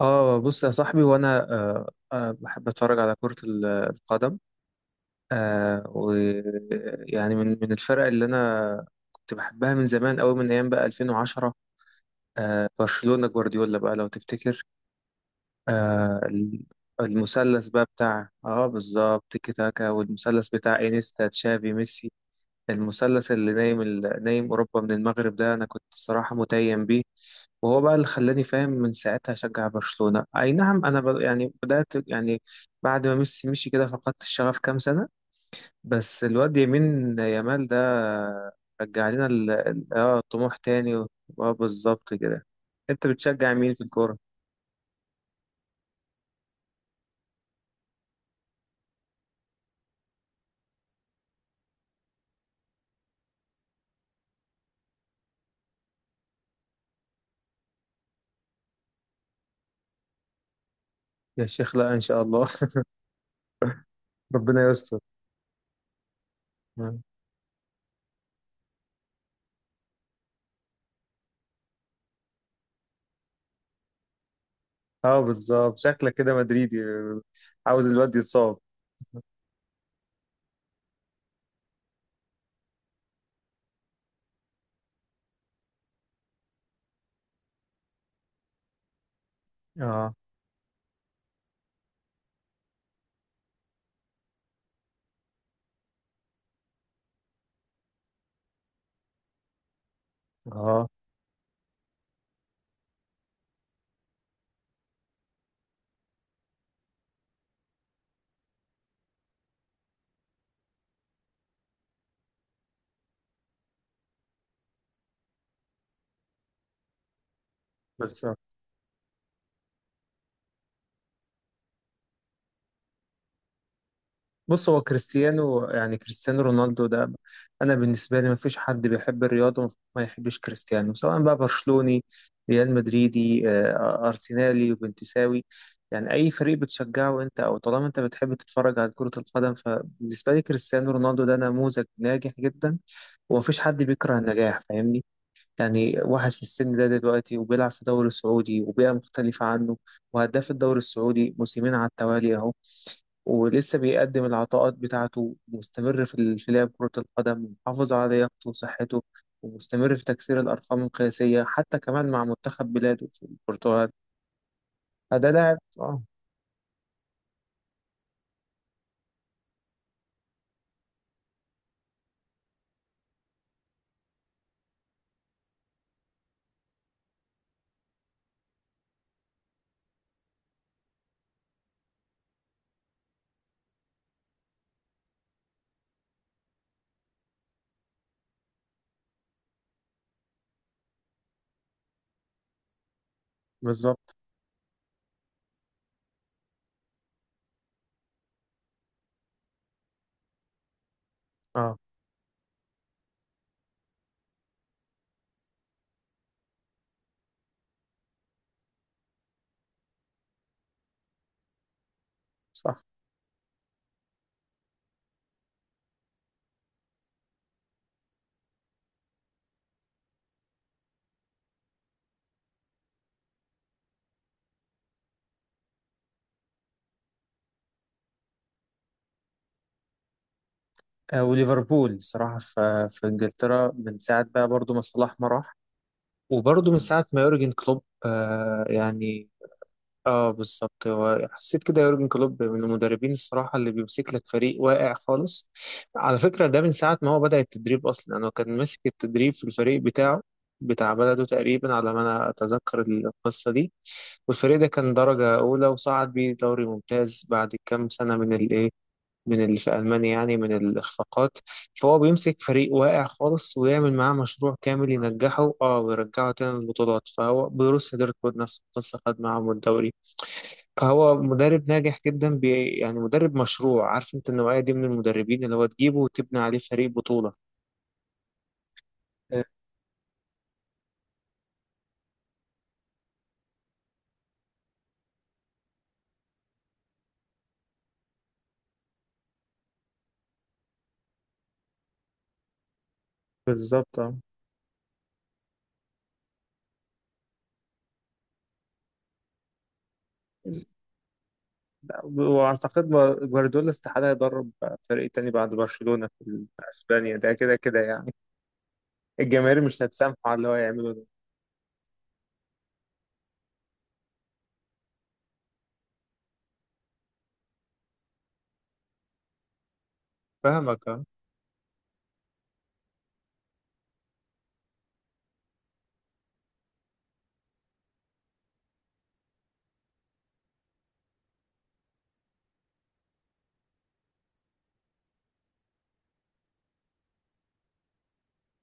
اه بص يا صاحبي، وانا بحب اتفرج على كرة القدم. ويعني من الفرق اللي انا كنت بحبها من زمان قوي، من ايام بقى 2010. برشلونة جوارديولا بقى لو تفتكر. آه ال- المثلث بقى بتاع بالظبط تيكي تاكا، والمثلث بتاع انيستا تشافي ميسي. المثلث اللي نايم نايم اوروبا من المغرب ده، انا كنت الصراحة متيم بيه. وهو بقى اللي خلاني فاهم من ساعتها أشجع برشلونة. أي نعم، أنا يعني بدأت، يعني بعد ما ميسي مشي كده فقدت الشغف كام سنة. بس الواد يمين يامال ده رجع لنا طموح تاني. بالظبط كده. أنت بتشجع مين في الكورة؟ يا شيخ لا إن شاء الله. ربنا يستر. اه بالظبط، شكلك كده مدريدي، عاوز الواد يتصاب. اه اه بس بص، هو كريستيانو، يعني كريستيانو رونالدو ده، انا بالنسبه لي ما فيش حد بيحب الرياضه ما يحبش كريستيانو، سواء بقى برشلوني، ريال مدريدي، ارسنالي، وبنتساوي. يعني اي فريق بتشجعه انت، او طالما انت بتحب تتفرج على كره القدم، فبالنسبه لي كريستيانو رونالدو ده نموذج ناجح جدا، وما فيش حد بيكره النجاح، فاهمني. يعني واحد في السن ده دلوقتي، وبيلعب في الدوري السعودي وبيئه مختلفه عنه، وهداف الدوري السعودي موسمين على التوالي اهو، ولسه بيقدم العطاءات بتاعته، مستمر في لعب كرة القدم، محافظ على لياقته وصحته، ومستمر في تكسير الأرقام القياسية حتى كمان مع منتخب بلاده في البرتغال. فده لاعب. اه، بالظبط. اه، صح. وليفربول صراحة في إنجلترا من ساعة بقى، برضو ما صلاح ما راح، وبرضو من ساعة ما يورجن كلوب، يعني. اه، بالظبط، هو حسيت كده يورجن كلوب من المدربين الصراحه، اللي بيمسك لك فريق واقع خالص. على فكره ده من ساعه ما هو بدا التدريب اصلا، يعني هو كان ماسك التدريب في الفريق بتاعه، بتاع بلده تقريبا على ما انا اتذكر القصه دي. والفريق ده كان درجه اولى، وصعد بيه دوري ممتاز بعد كام سنه من الايه، من اللي في المانيا يعني، من الاخفاقات. فهو بيمسك فريق واقع خالص ويعمل معاه مشروع كامل ينجحه، ويرجعه تاني للبطولات. فهو بروسيا دورتموند نفس القصه، خد معاهم الدوري. هو مدرب ناجح جدا، يعني مدرب مشروع. عارف انت النوعية دي من المدربين، اللي هو تجيبه وتبني عليه فريق بطولة. آه، بالظبط. اه، لا، واعتقد جوارديولا استحالة يدرب فريق تاني بعد برشلونة في اسبانيا، ده كده كده يعني. الجماهير مش هتسامحه على اللي هو يعمله ده. فاهمك. اه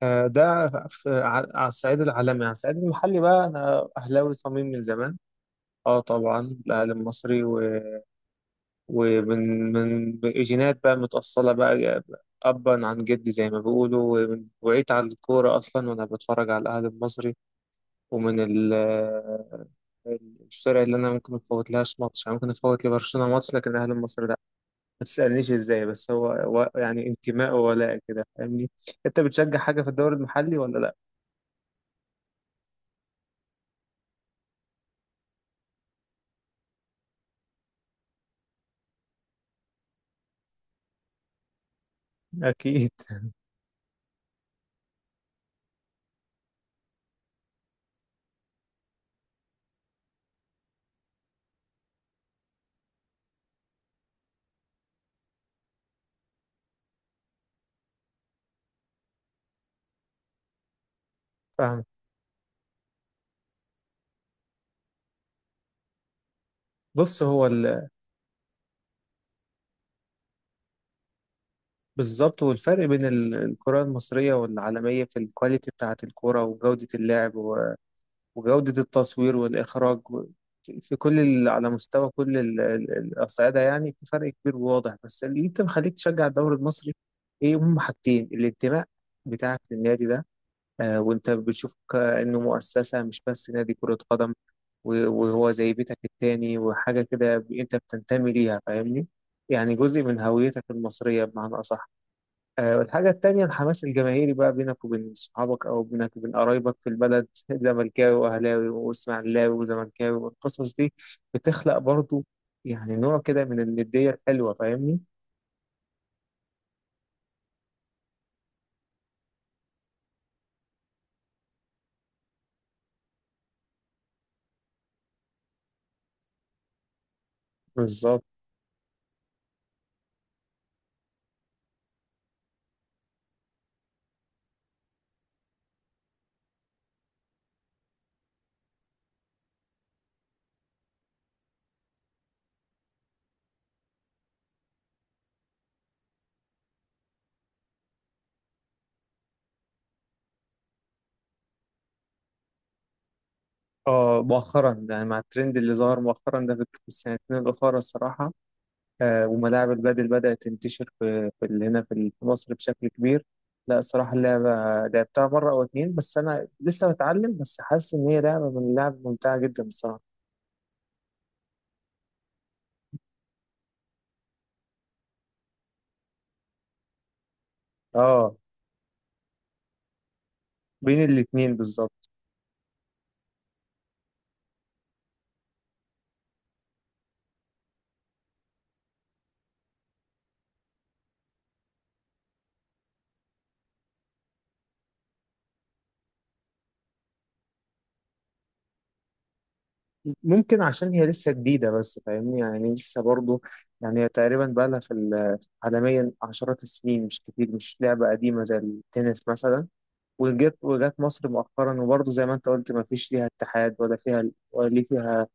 آه، ده على على الصعيد العالمي. على الصعيد المحلي بقى، انا اهلاوي صميم من زمان. اه، طبعا. الاهلي المصري. ومن من من جينات بقى متأصلة بقى، أبا عن جدي زي ما بيقولوا. وعيت على الكورة أصلا وأنا بتفرج على الأهلي المصري. ومن ال- الفرق اللي أنا ممكن مفوت لهاش ماتش، يعني ممكن أفوت لبرشلونة ماتش، لكن الأهلي المصري لأ. ما تسألنيش إزاي، بس هو يعني انتماء وولاء كده، فاهمني. أنت بتشجع حاجة في الدوري المحلي ولا لأ؟ أكيد. فاهم. بص بالظبط. والفرق بين الكرة المصرية والعالمية في الكواليتي بتاعة الكرة، وجودة اللعب، وجودة التصوير والإخراج، في كل على مستوى كل الأصعدة، يعني في فرق كبير وواضح. بس اللي أنت مخليك تشجع الدوري المصري إيه؟ هم حاجتين: الانتماء بتاعك للنادي ده، آه وأنت بتشوف كأنه مؤسسة مش بس نادي كرة قدم، وهو زي بيتك التاني، وحاجة كده أنت بتنتمي ليها، فاهمني؟ يعني جزء من هويتك المصرية بمعنى أصح. والحاجة التانية الحماس الجماهيري بقى بينك وبين صحابك، أو بينك وبين قرايبك في البلد. زملكاوي وأهلاوي وإسماعيلاوي وزملكاوي، والقصص دي بتخلق برضو يعني نوع كده من الندية الحلوة، فاهمني؟ بالظبط. اه مؤخرا، يعني مع الترند اللي ظهر مؤخرا ده، في السنتين الأخرى الصراحة. آه، وملاعب البادل بدأت تنتشر هنا في مصر بشكل كبير. لا، الصراحة اللعبة لعبتها مرة أو اتنين، بس أنا لسه بتعلم. بس حاسس إن هي لعبة من اللعب ممتعة جدا الصراحة. اه، بين الاتنين بالظبط. ممكن عشان هي لسه جديدة بس، فاهمني يعني، لسه برضو. يعني هي تقريبا بقى لها عالميا عشرات السنين، مش كتير، مش لعبة قديمة زي التنس مثلا. وجت مصر مؤخرا. وبرضو زي ما انت قلت، ما فيش ليها اتحاد، ولا فيها ولا فيها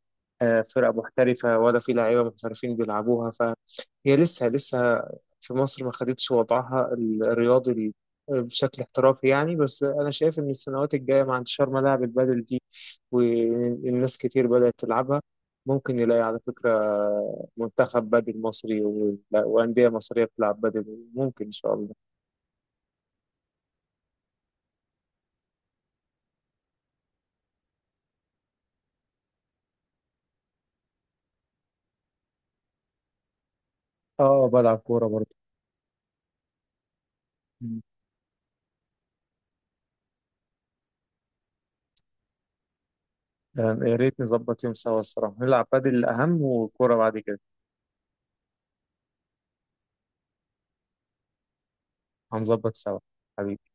فرق محترفة، ولا في لعيبة محترفين بيلعبوها. فهي لسه لسه في مصر ما خدتش وضعها الرياضي بشكل احترافي يعني. بس انا شايف ان السنوات الجايه، مع انتشار ملاعب البادل والناس كتير بدأت تلعبها، ممكن نلاقي على فكرة منتخب بدل مصري، وأندية مصرية بتلعب بدل، ممكن إن شاء الله. بلعب كورة برضه. مم. يا ريت نظبط يوم سوا الصراحة، نلعب بدل الأهم وكورة بعد كده. هنظبط سوا. حبيبي.